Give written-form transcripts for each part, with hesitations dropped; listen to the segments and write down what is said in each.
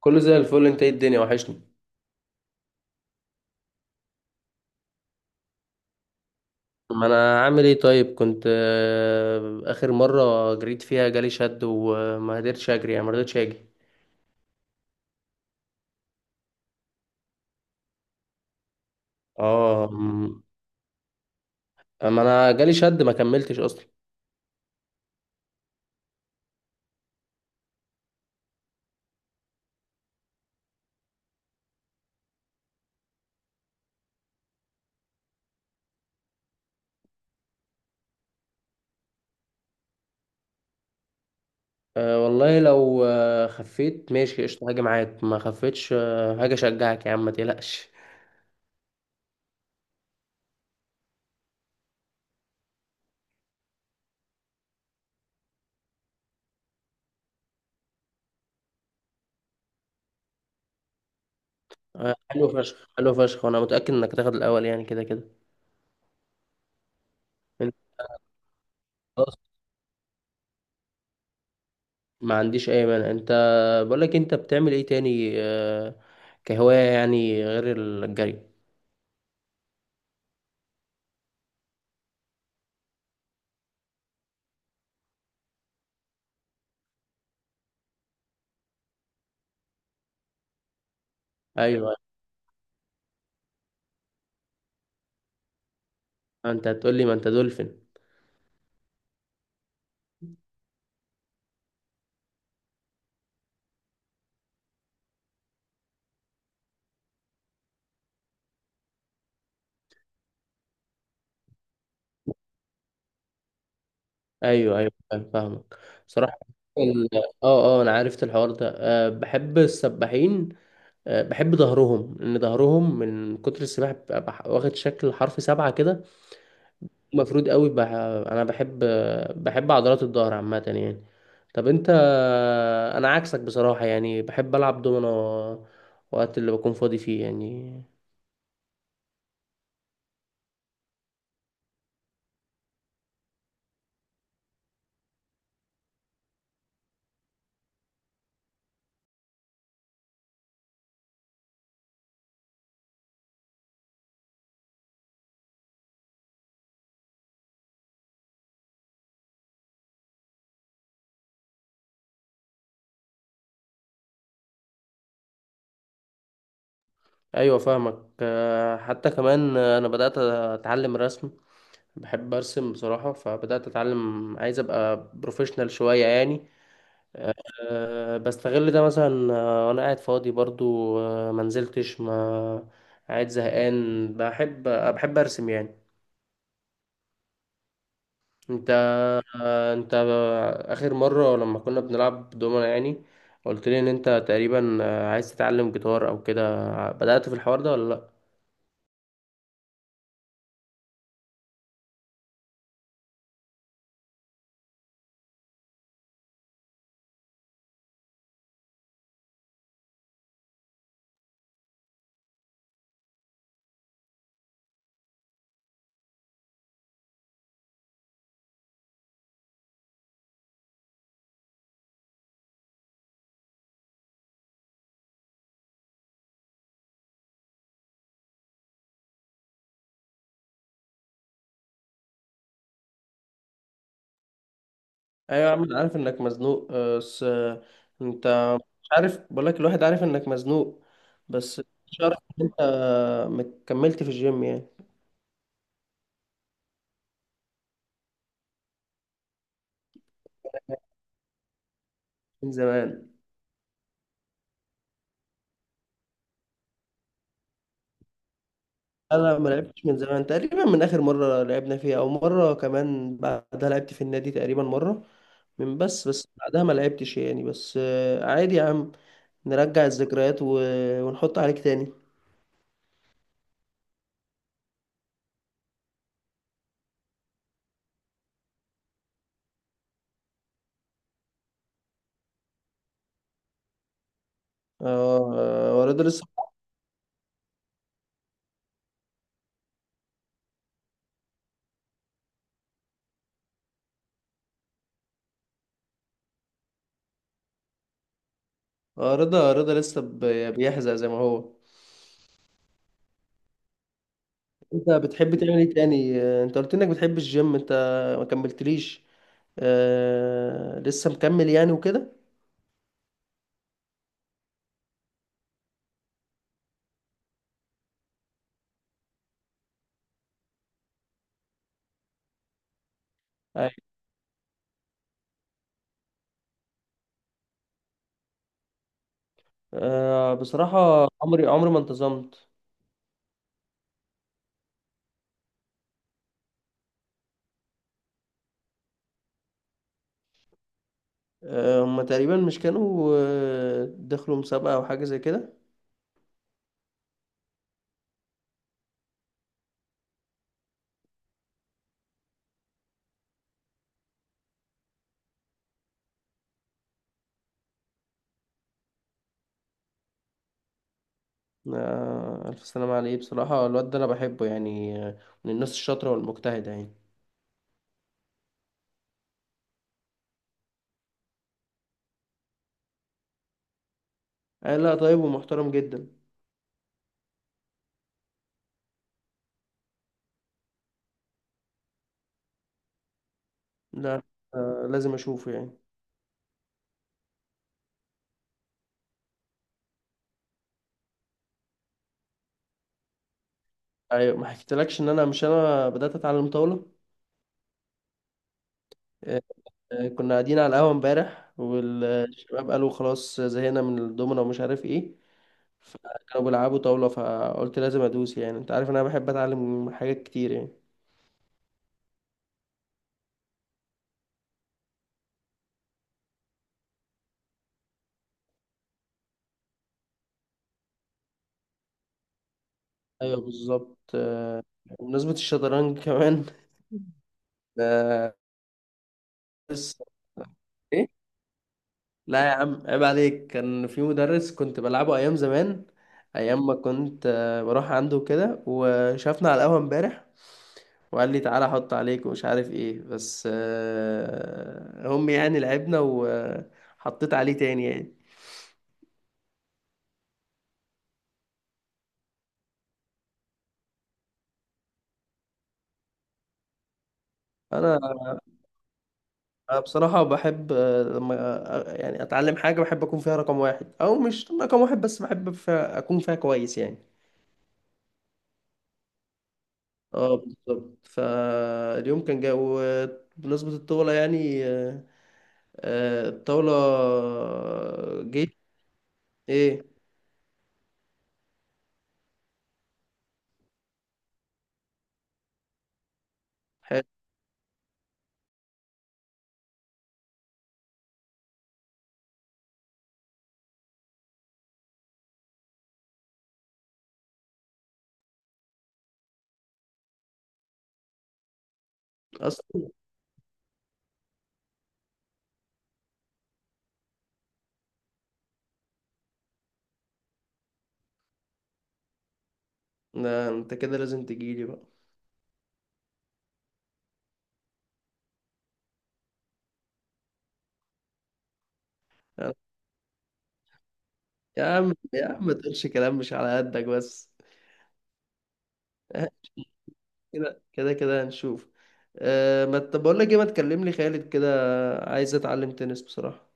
كله زي الفل، انت؟ ايه الدنيا؟ وحشني. ما انا عامل ايه؟ طيب، كنت اخر مرة جريت فيها جالي شد وما قدرتش اجري، يعني ما رضيتش اجي. اه، اما انا جالي شد ما كملتش اصلا. أه والله، لو خفيت ماشي قشطة هاجي معاك، ما خفيتش هاجي اشجعك. يا عم ما تقلقش. أه حلو فشخ، حلو فشخ. وانا متأكد انك هتاخد الاول يعني، كده كده. انت؟ خلاص، ما عنديش اي مانع. انت، بقول لك، انت بتعمل ايه تاني كهواية يعني، غير الجري؟ ايوه، ما انت هتقول لي ما انت دولفين. ايوه، ايوه، فاهمك. صراحه، ال- اه انا عرفت الحوار ده، بحب السباحين. بحب ظهرهم، لان ظهرهم من كتر السباحه بيبقى واخد شكل حرف سبعه كده. مفروض قوي، انا بحب. بحب عضلات الظهر عامه يعني. طب انت؟ انا عكسك بصراحه يعني، بحب العب دومنا وقت اللي بكون فاضي فيه يعني. ايوه فاهمك. حتى كمان، انا بدات اتعلم رسم. بحب ارسم بصراحه، فبدات اتعلم، عايز ابقى بروفيشنال شويه يعني. بستغل ده مثلا، وانا قاعد فاضي برضو. ما نزلتش، ما قاعد زهقان، بحب ارسم يعني. انت انت اخر مره لما كنا بنلعب دومنا يعني، قلت لي ان انت تقريبا، عايز تتعلم جيتار او كده. بدات في الحوار ده ولا لا؟ ايوه يا عم، انا عارف انك مزنوق، بس انت، مش عارف، بقول لك، الواحد عارف انك مزنوق. بس مش عارف ان انت مكملت في الجيم يعني. من زمان. انا ما لعبتش من زمان، تقريبا من اخر مره لعبنا فيها، او مره كمان بعدها لعبت في النادي تقريبا مره. بس بعدها ما لعبتش يعني، بس عادي يا عم، نرجع الذكريات ونحط عليك تاني. اه، رضا لسه؟ اه، رضا لسه بيحزق زي ما هو؟ انت بتحب تعمل ايه تاني؟ انت قلت انك بتحب الجيم. انت ما كملتليش؟ لسه مكمل يعني وكده؟ أيوة. بصراحة عمري عمري ما انتظمت. هما تقريبا مش كانوا، دخلوا مسابقة أو حاجة زي كده؟ ألف سلامة عليه. بصراحة الواد ده أنا بحبه يعني، من الناس الشاطرة والمجتهدة يعني. آه، لا، طيب ومحترم جدا. لا، لازم أشوفه يعني. أيوة، ما حكيتلكش إن أنا مش أنا بدأت أتعلم طاولة. كنا قاعدين على القهوة امبارح، والشباب قالوا خلاص زهقنا من الدومينو ومش عارف ايه. فكانوا بيلعبوا طاولة، فقلت لازم ادوس، يعني انت عارف ان انا بحب اتعلم حاجات كتير يعني. ايوه بالظبط. بمناسبة الشطرنج كمان، آه، بس ايه. لا يا عم، عيب عليك، كان في مدرس كنت بلعبه ايام زمان، ايام ما كنت بروح عنده كده، وشافنا على القهوة امبارح وقال لي تعالى احط عليك ومش عارف ايه، بس هم يعني، لعبنا وحطيت عليه تاني يعني. انا بصراحة بحب، لما يعني اتعلم حاجة، بحب اكون فيها رقم واحد او مش رقم واحد، بس بحب فيها اكون فيها كويس يعني. اه بالظبط. فاليوم كان جاي، وبمناسبة الطاولة يعني، الطاولة. جيت ايه؟ حلو اصلا. لا، انت كده لازم تجيلي بقى. يا عم، يا عم، ما تقولش كلام مش على قدك بس. كده كده كده هنشوف. ما ت- بقول لك ايه، ما تكلم لي خالد كده، عايز اتعلم تنس بصراحة.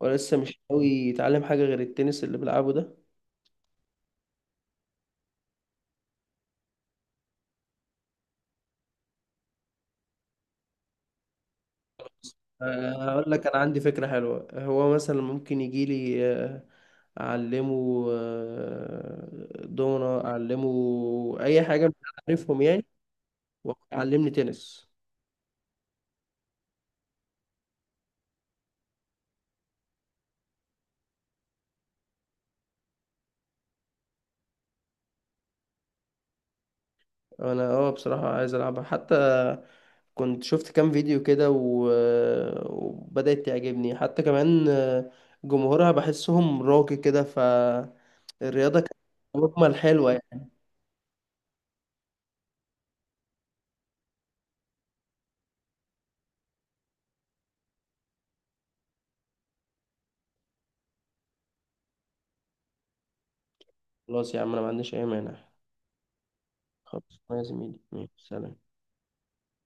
ولسه مش قوي يتعلم حاجة غير التنس اللي بلعبه ده؟ هقول لك، انا عندي فكرة حلوة. هو مثلا ممكن يجي لي اعلمه دومنا، اعلمه اي حاجه مش عارفهم يعني، وعلمني تنس. انا، بصراحه عايز العبها حتى، كنت شفت كام فيديو كده و... آه، وبدات تعجبني حتى كمان، جمهورها بحسهم راقي كده، فالرياضه كانت مجمل حلوه يعني. خلاص يا عم، انا ما عنديش اي مانع. خلاص يا زميلي، ماشي، سلام.